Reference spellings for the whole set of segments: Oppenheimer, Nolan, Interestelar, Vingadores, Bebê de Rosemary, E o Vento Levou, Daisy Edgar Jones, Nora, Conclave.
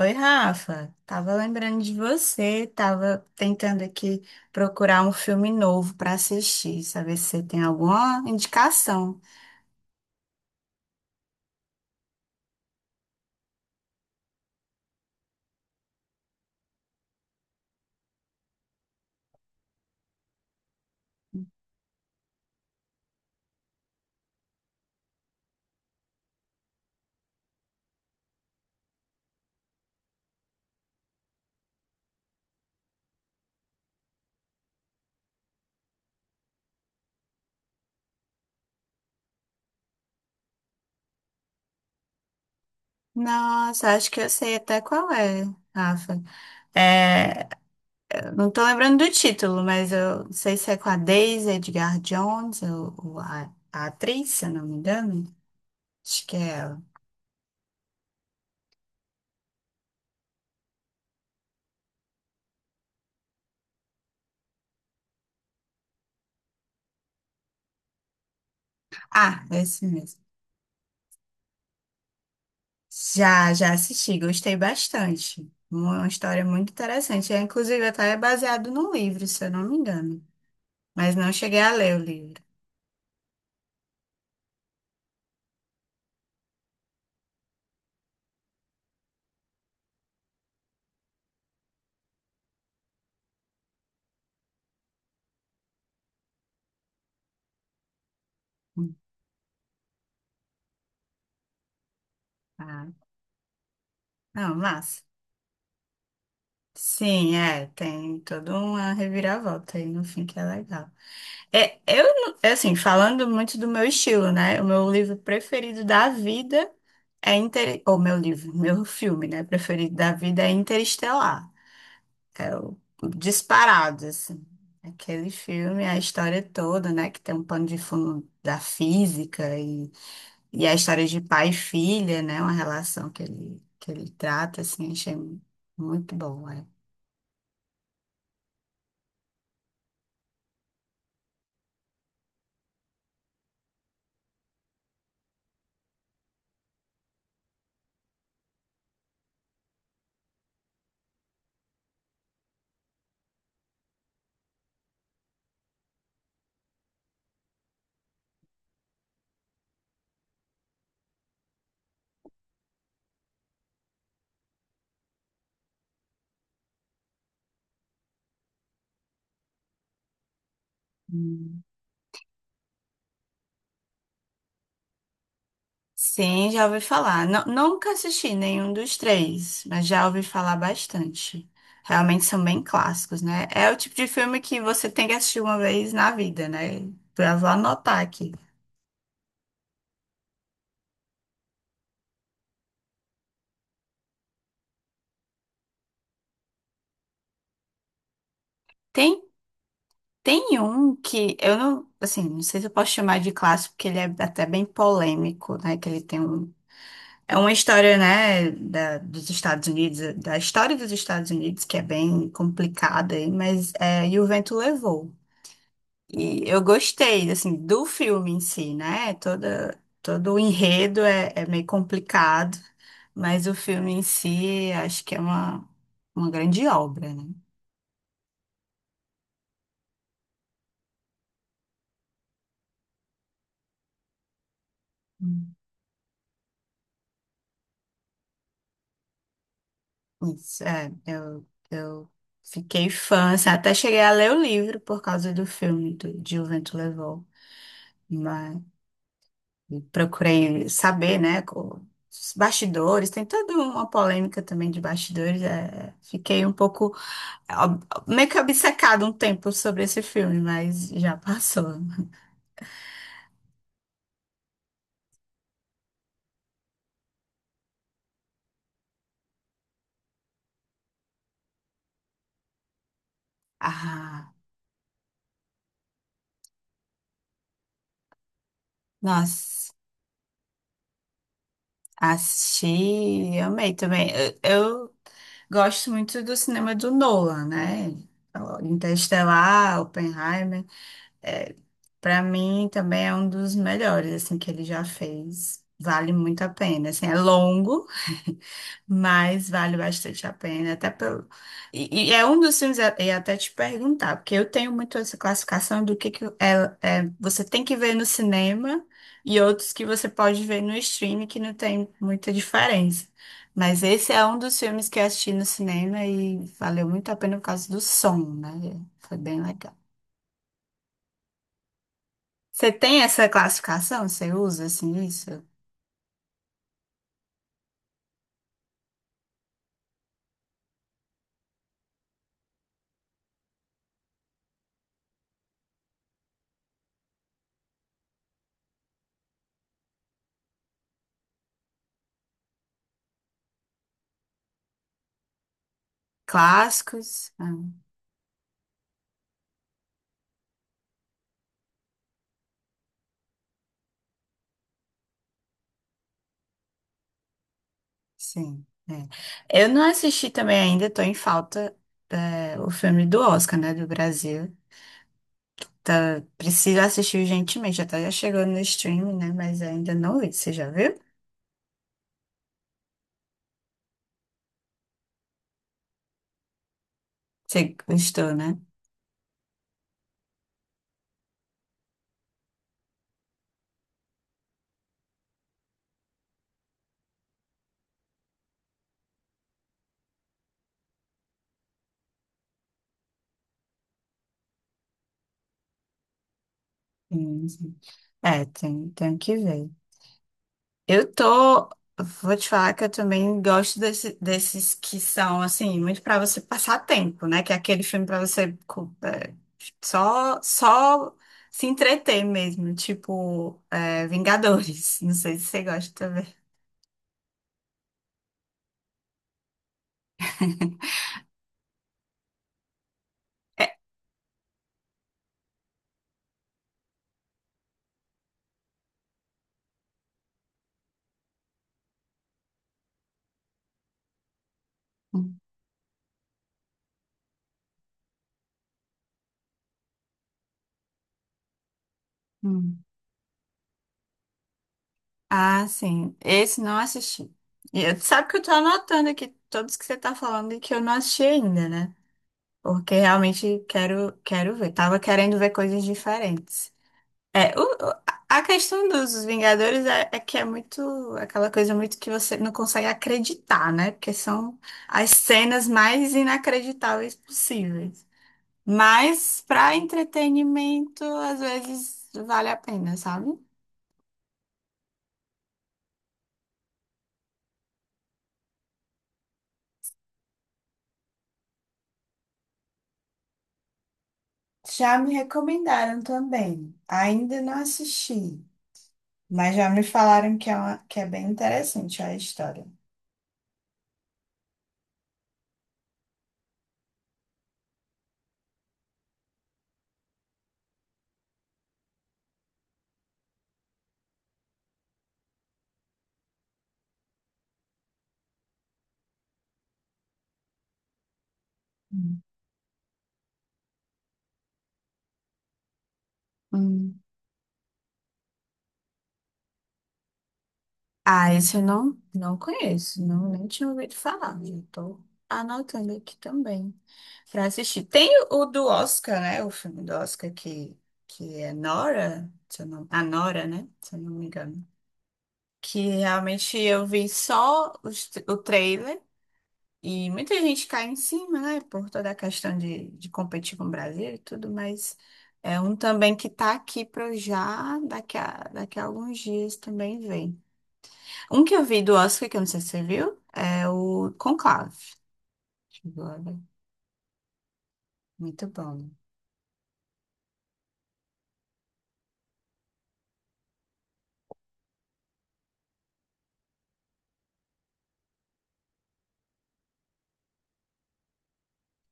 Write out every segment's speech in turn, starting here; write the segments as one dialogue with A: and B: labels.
A: Oi, Rafa. Tava lembrando de você, tava tentando aqui procurar um filme novo para assistir, saber se você tem alguma indicação. Nossa, acho que eu sei até qual é, Rafa. É, não tô lembrando do título, mas eu não sei se é com a Daisy Edgar Jones, ou a atriz, se eu não me engano. Acho que é ela. Ah, é esse mesmo. Já, já assisti, gostei bastante. Uma história muito interessante. É, inclusive, até é baseado num livro, se eu não me engano. Mas não cheguei a ler o livro. Ah, não, massa. Sim, é, tem toda uma reviravolta aí no fim que é legal. É, eu, não- é assim, falando muito do meu estilo, né? O meu livro preferido da vida é Inter... Ou meu livro, meu filme, né? Preferido da vida é Interestelar. É o disparado, assim. Aquele filme, a história toda, né? Que tem um pano de fundo da física e a história de pai e filha, né? Uma relação que ele trata, assim, achei muito bom, é. Hum. Sim, já ouvi falar. Nunca assisti nenhum dos três, mas já ouvi falar bastante. Realmente são bem clássicos, né? É o tipo de filme que você tem que assistir uma vez na vida, né? Eu vou anotar aqui. Tem Tem um que eu não, assim, não sei se eu posso chamar de clássico, porque ele é até bem polêmico, né? Que ele tem um. É uma história, né, dos Estados Unidos, da história dos Estados Unidos, que é bem complicada, aí, mas é, E o Vento Levou. E eu gostei, assim, do filme em si, né? Todo o enredo é, é meio complicado, mas o filme em si acho que é uma grande obra, né? Isso, é, eu fiquei fã, assim, até cheguei a ler o livro por causa do filme de O Vento Levou, mas procurei saber, né, os bastidores, tem toda uma polêmica também de bastidores, é, fiquei um pouco, meio que obcecada um tempo sobre esse filme, mas já passou. Ah, nossa, assisti, amei também, eu gosto muito do cinema do Nolan, né? Interestelar, Oppenheimer. É, para mim também é um dos melhores assim que ele já fez. Vale muito a pena. Assim, é longo, mas vale bastante a pena, até pelo. E é um dos filmes, é, eu ia até te perguntar, porque eu tenho muito essa classificação do que, você tem que ver no cinema e outros que você pode ver no streaming, que não tem muita diferença. Mas esse é um dos filmes que eu assisti no cinema e valeu muito a pena por causa do som, né? Foi bem legal. Você tem essa classificação? Você usa assim isso? Clássicos? Ah. Sim. É. Eu não assisti também ainda, tô em falta é, o filme do Oscar, né, do Brasil. Tá, preciso assistir urgentemente, já tá já chegando no streaming, né, mas ainda não vi. Você já viu? Você gostou, né? Sim, sim. É, tem, tenho que ver. Eu tô. Vou te falar que eu também gosto desses que são, assim, muito pra você passar tempo, né? Que é aquele filme pra você é, só, só se entreter mesmo, tipo é, Vingadores. Não sei se você gosta também. Hum, hum. Ah, sim. Esse não assisti. E eu, sabe que eu tô anotando aqui todos que você tá falando e que eu não assisti ainda, né? Porque realmente quero, quero ver. Tava querendo ver coisas diferentes. É, a questão dos Vingadores é que é muito aquela coisa muito que você não consegue acreditar, né? Porque são as cenas mais inacreditáveis possíveis. Mas para entretenimento, às vezes vale a pena, sabe? Já me recomendaram também. Ainda não assisti, mas já me falaram que é, que é bem interessante a história. Hum. Hum. Ah, esse eu não, não conheço, não, nem tinha ouvido falar. Já tô anotando aqui também para assistir. Tem o do Oscar, né? O filme do Oscar que é Nora, se eu não, a Nora, né? Se eu não me engano. Que realmente eu vi só os o trailer e muita gente cai em cima, né? Por toda a questão de competir com o Brasil e tudo, mas é um também que tá aqui para já daqui daqui a alguns dias também ver. Um que eu vi do Oscar, que eu não sei se você viu, é o Conclave. Chegou a ver. Muito bom.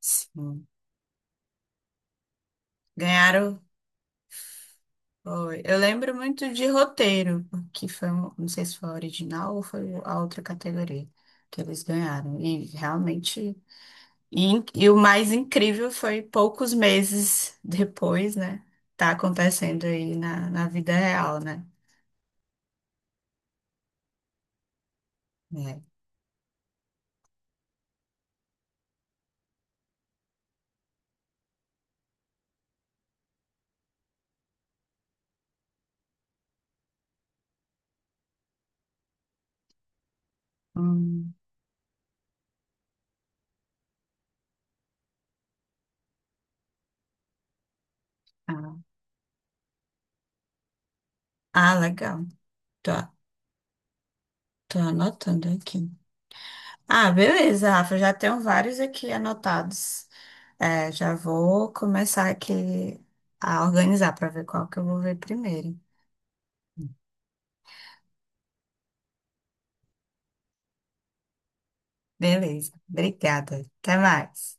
A: Sim. Ganharam. Foi. Eu lembro muito de roteiro, que foi, não sei se foi a original ou foi a outra categoria que eles ganharam. E realmente. E o mais incrível foi poucos meses depois, né? Tá acontecendo aí na vida real, né? É. Hum, ah, ah, legal. Tô, tô anotando aqui. Ah, beleza, Rafa. Já tenho vários aqui anotados. É, já vou começar aqui a organizar para ver qual que eu vou ver primeiro. Beleza, obrigada. Até mais.